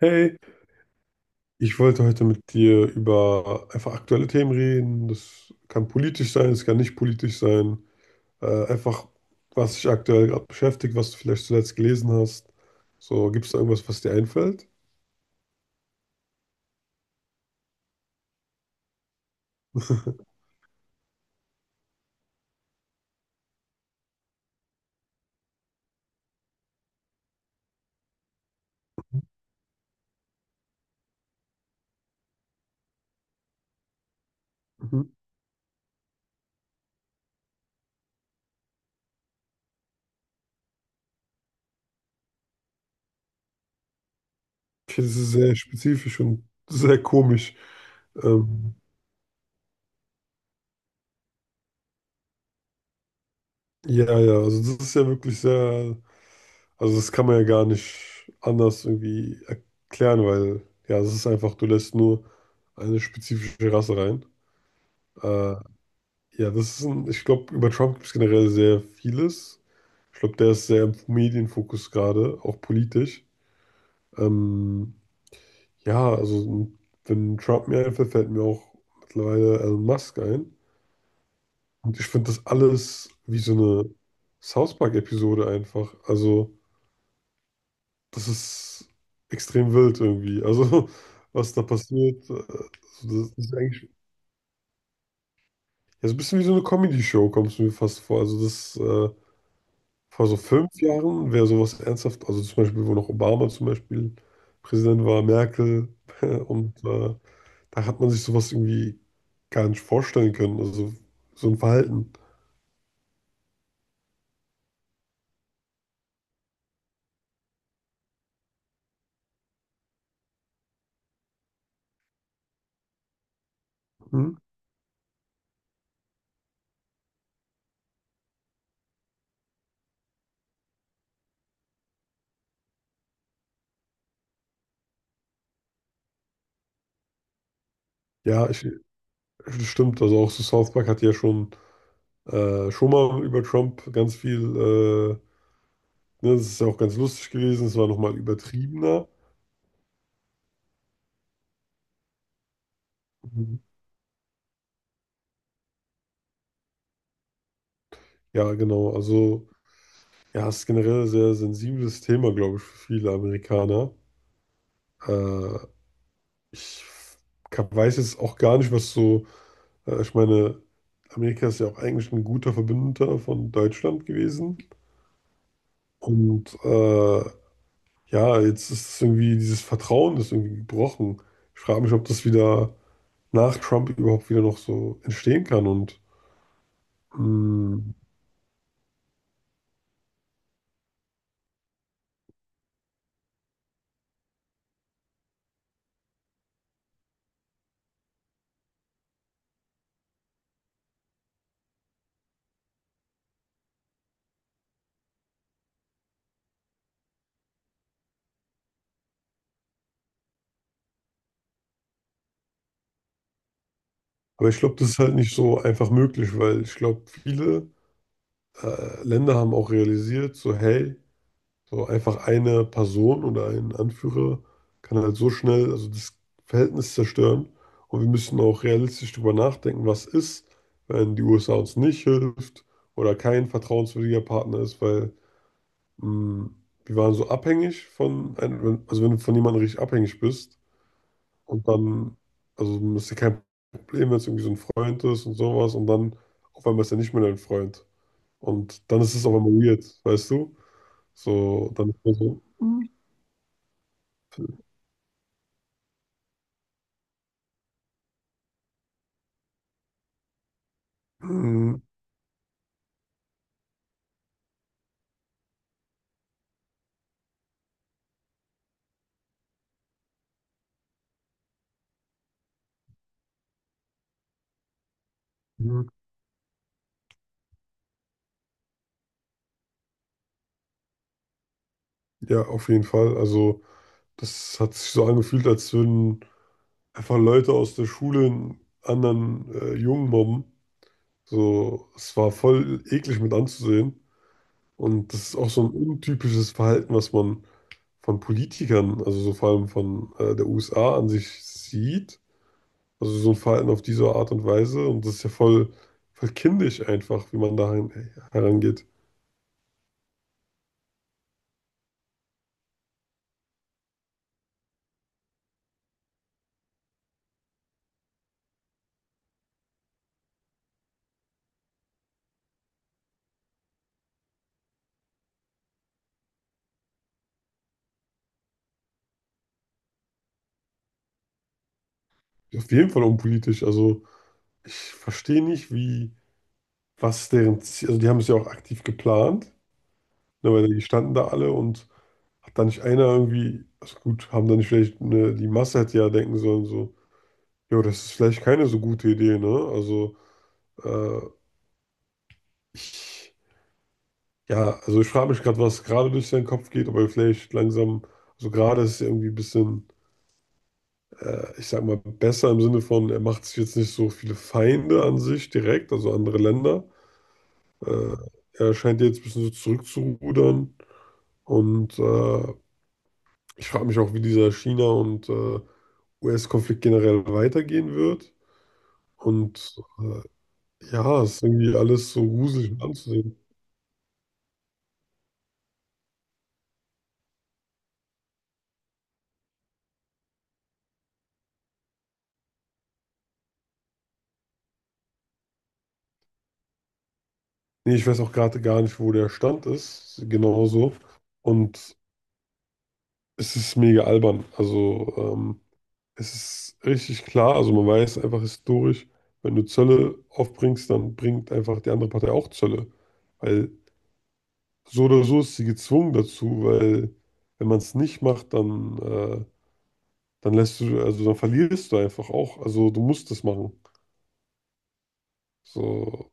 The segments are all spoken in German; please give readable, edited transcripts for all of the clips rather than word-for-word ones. Hey, ich wollte heute mit dir über einfach aktuelle Themen reden. Das kann politisch sein, es kann nicht politisch sein. Äh, einfach, Was dich aktuell gerade beschäftigt, was du vielleicht zuletzt gelesen hast. So, gibt es da irgendwas, was dir einfällt? Mhm. Okay, das ist sehr spezifisch und sehr komisch. Ähm, ja, also das ist ja wirklich sehr. Also das kann man ja gar nicht anders irgendwie erklären, weil ja, das ist einfach, du lässt nur eine spezifische Rasse rein. Äh, ja, das ist ein, ich glaube, über Trump gibt es generell sehr vieles. Ich glaube, der ist sehr im Medienfokus gerade, auch politisch. Ähm, ja, also wenn Trump mir einfällt, fällt mir auch mittlerweile Elon Musk ein. Und ich finde das alles wie so eine South Park-Episode einfach. Also das ist extrem wild irgendwie. Also, was da passiert, also das ist eigentlich, ja, so ein bisschen wie so eine Comedy-Show, kommst du mir fast vor. Also, das vor so 5 Jahren wäre sowas ernsthaft, also zum Beispiel, wo noch Obama zum Beispiel Präsident war, Merkel, und äh, da hat man sich sowas irgendwie gar nicht vorstellen können. Also, so ein Verhalten. Hm? Ja, ich, das stimmt. Also, auch so South Park hat ja schon. Schon mal über Trump ganz viel. Ne, das ist ja auch ganz lustig gewesen. Es war nochmal übertriebener. Mhm. Ja, genau. Also, ja, es ist generell ein sehr sensibles Thema, glaube ich, für viele Amerikaner. Äh, ich weiß jetzt auch gar nicht, was so. Ich meine, Amerika ist ja auch eigentlich ein guter Verbündeter von Deutschland gewesen. Und äh, ja, jetzt ist es irgendwie, dieses Vertrauen ist irgendwie gebrochen. Ich frage mich, ob das wieder nach Trump überhaupt wieder noch so entstehen kann. Und. Mh, aber ich glaube, das ist halt nicht so einfach möglich, weil ich glaube, viele Länder haben auch realisiert, so hey, so einfach eine Person oder ein Anführer kann halt so schnell, also das Verhältnis zerstören. Und wir müssen auch realistisch darüber nachdenken, was ist, wenn die USA uns nicht hilft oder kein vertrauenswürdiger Partner ist, weil mh, wir waren so abhängig von einem, also wenn du von jemandem richtig abhängig bist, und dann, also dann ist ja kein Problem, wenn es irgendwie so ein Freund ist und sowas. Und dann auf einmal ist er nicht mehr dein Freund. Und dann ist es auf einmal weird, weißt du? So, dann ist man so, mhm. Ja, auf jeden Fall. Also, das hat sich so angefühlt, als würden einfach Leute aus der Schule einen anderen Jungen mobben. So, es war voll eklig mit anzusehen. Und das ist auch so ein untypisches Verhalten, was man von Politikern, also so vor allem von der USA an sich sieht. Also so ein Verhalten auf diese Art und Weise. Und das ist ja voll kindisch einfach, wie man da herangeht. Auf jeden Fall unpolitisch. Also ich verstehe nicht, wie, was deren Ziel, also die haben es ja auch aktiv geplant, ne, weil die standen da alle und hat da nicht einer irgendwie, also gut, haben da nicht vielleicht, ne, die Masse hätte ja denken sollen, so, jo, das ist vielleicht keine so gute Idee, ne? Also äh, ich. Ja, also ich frage mich gerade, was gerade durch seinen Kopf geht, ob er vielleicht langsam, so also gerade ist er irgendwie ein bisschen, ich sag mal, besser im Sinne von, er macht sich jetzt nicht so viele Feinde an sich direkt, also andere Länder. Äh, er scheint jetzt ein bisschen so zurückzurudern und ich frage mich auch, wie dieser China- und US-Konflikt generell weitergehen wird. Und äh, ja, es ist irgendwie alles so gruselig anzusehen. Nee, ich weiß auch gerade gar nicht, wo der Stand ist, genauso. Und es ist mega albern. Also, es ist richtig klar, also man weiß einfach historisch, wenn du Zölle aufbringst, dann bringt einfach die andere Partei auch Zölle. Weil so oder so ist sie gezwungen dazu, weil wenn man es nicht macht, dann lässt du, also dann verlierst du einfach auch. Also du musst es machen. So,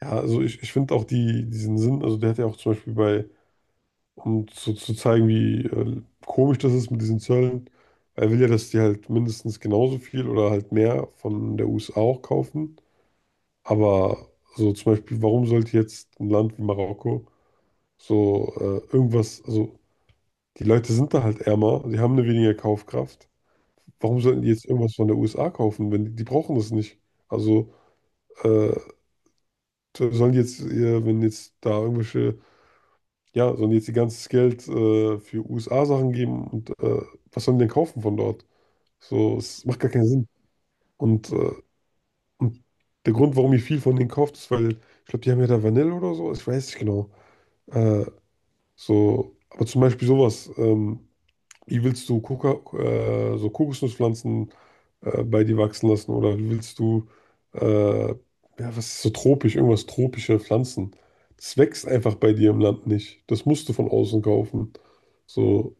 ja, also ich finde auch diesen Sinn, also der hat ja auch zum Beispiel bei. Und so zu zeigen, wie komisch das ist mit diesen Zöllen. Er will ja, dass die halt mindestens genauso viel oder halt mehr von der USA auch kaufen. Aber so zum Beispiel, warum sollte jetzt ein Land wie Marokko irgendwas, also die Leute sind da halt ärmer, die haben eine weniger Kaufkraft. Warum sollten die jetzt irgendwas von der USA kaufen, wenn die, die brauchen das nicht? Also äh, sollen die jetzt, wenn jetzt da irgendwelche. Ja, sollen die jetzt ihr ganzes Geld für USA-Sachen geben und was sollen die denn kaufen von dort? So, es macht gar keinen Sinn. Und, äh, und der Grund, warum ich viel von denen kauft, ist, weil ich glaube, die haben ja da Vanille oder so, ich weiß nicht genau. Äh, so, aber zum Beispiel sowas. Wie willst du so Kokosnusspflanzen bei dir wachsen lassen oder wie willst du, ja, was ist so tropisch, irgendwas tropische Pflanzen? Das wächst einfach bei dir im Land nicht. Das musst du von außen kaufen. So,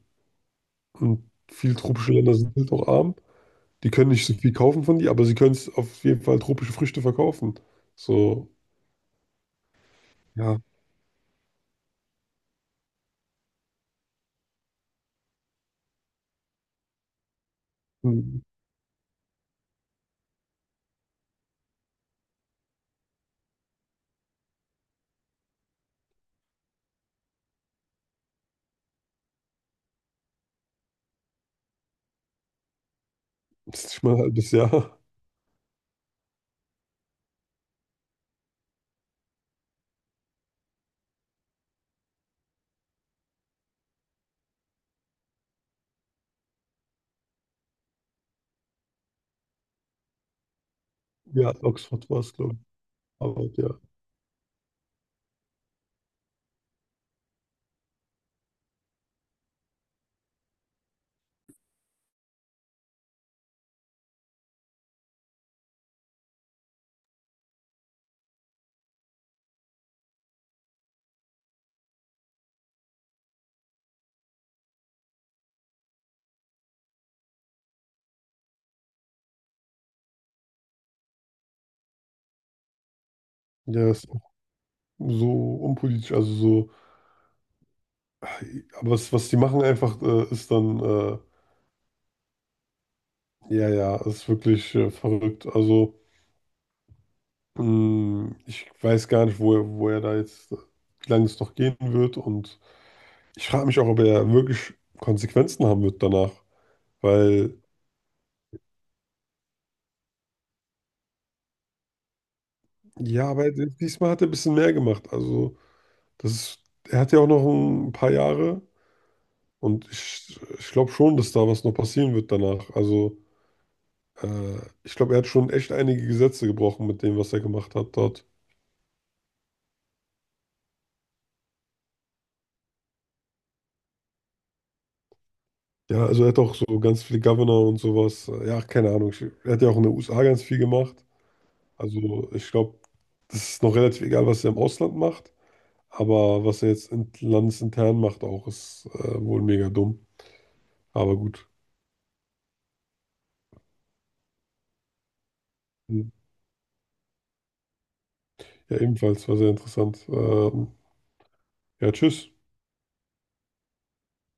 und viele tropische Länder sind halt auch arm. Die können nicht so viel kaufen von dir, aber sie können es auf jeden Fall tropische Früchte verkaufen. So, ja, hm, das ist nicht mal ein halbes Jahr. Ja, Oxford war es, glaube ich. Aber ja, ja, ist auch so unpolitisch, also so. Aber was, was die machen einfach, ist dann. Ja, ja, ist wirklich verrückt. Also, mh, ich weiß gar nicht, wo er da jetzt, wie lange es noch gehen wird. Und ich frage mich auch, ob er wirklich Konsequenzen haben wird danach. Weil, ja, aber diesmal hat er ein bisschen mehr gemacht. Also, das ist, er hat ja auch noch ein paar Jahre. Und ich glaube schon, dass da was noch passieren wird danach. Also, äh, ich glaube, er hat schon echt einige Gesetze gebrochen mit dem, was er gemacht hat dort. Ja, also er hat auch so ganz viele Governor und sowas. Ja, keine Ahnung. Ich, er hat ja auch in den USA ganz viel gemacht. Also ich glaube, das ist noch relativ egal, was er im Ausland macht. Aber was er jetzt in, landesintern macht, auch ist wohl mega dumm. Aber gut. Ja, ebenfalls war sehr interessant. Ja, tschüss.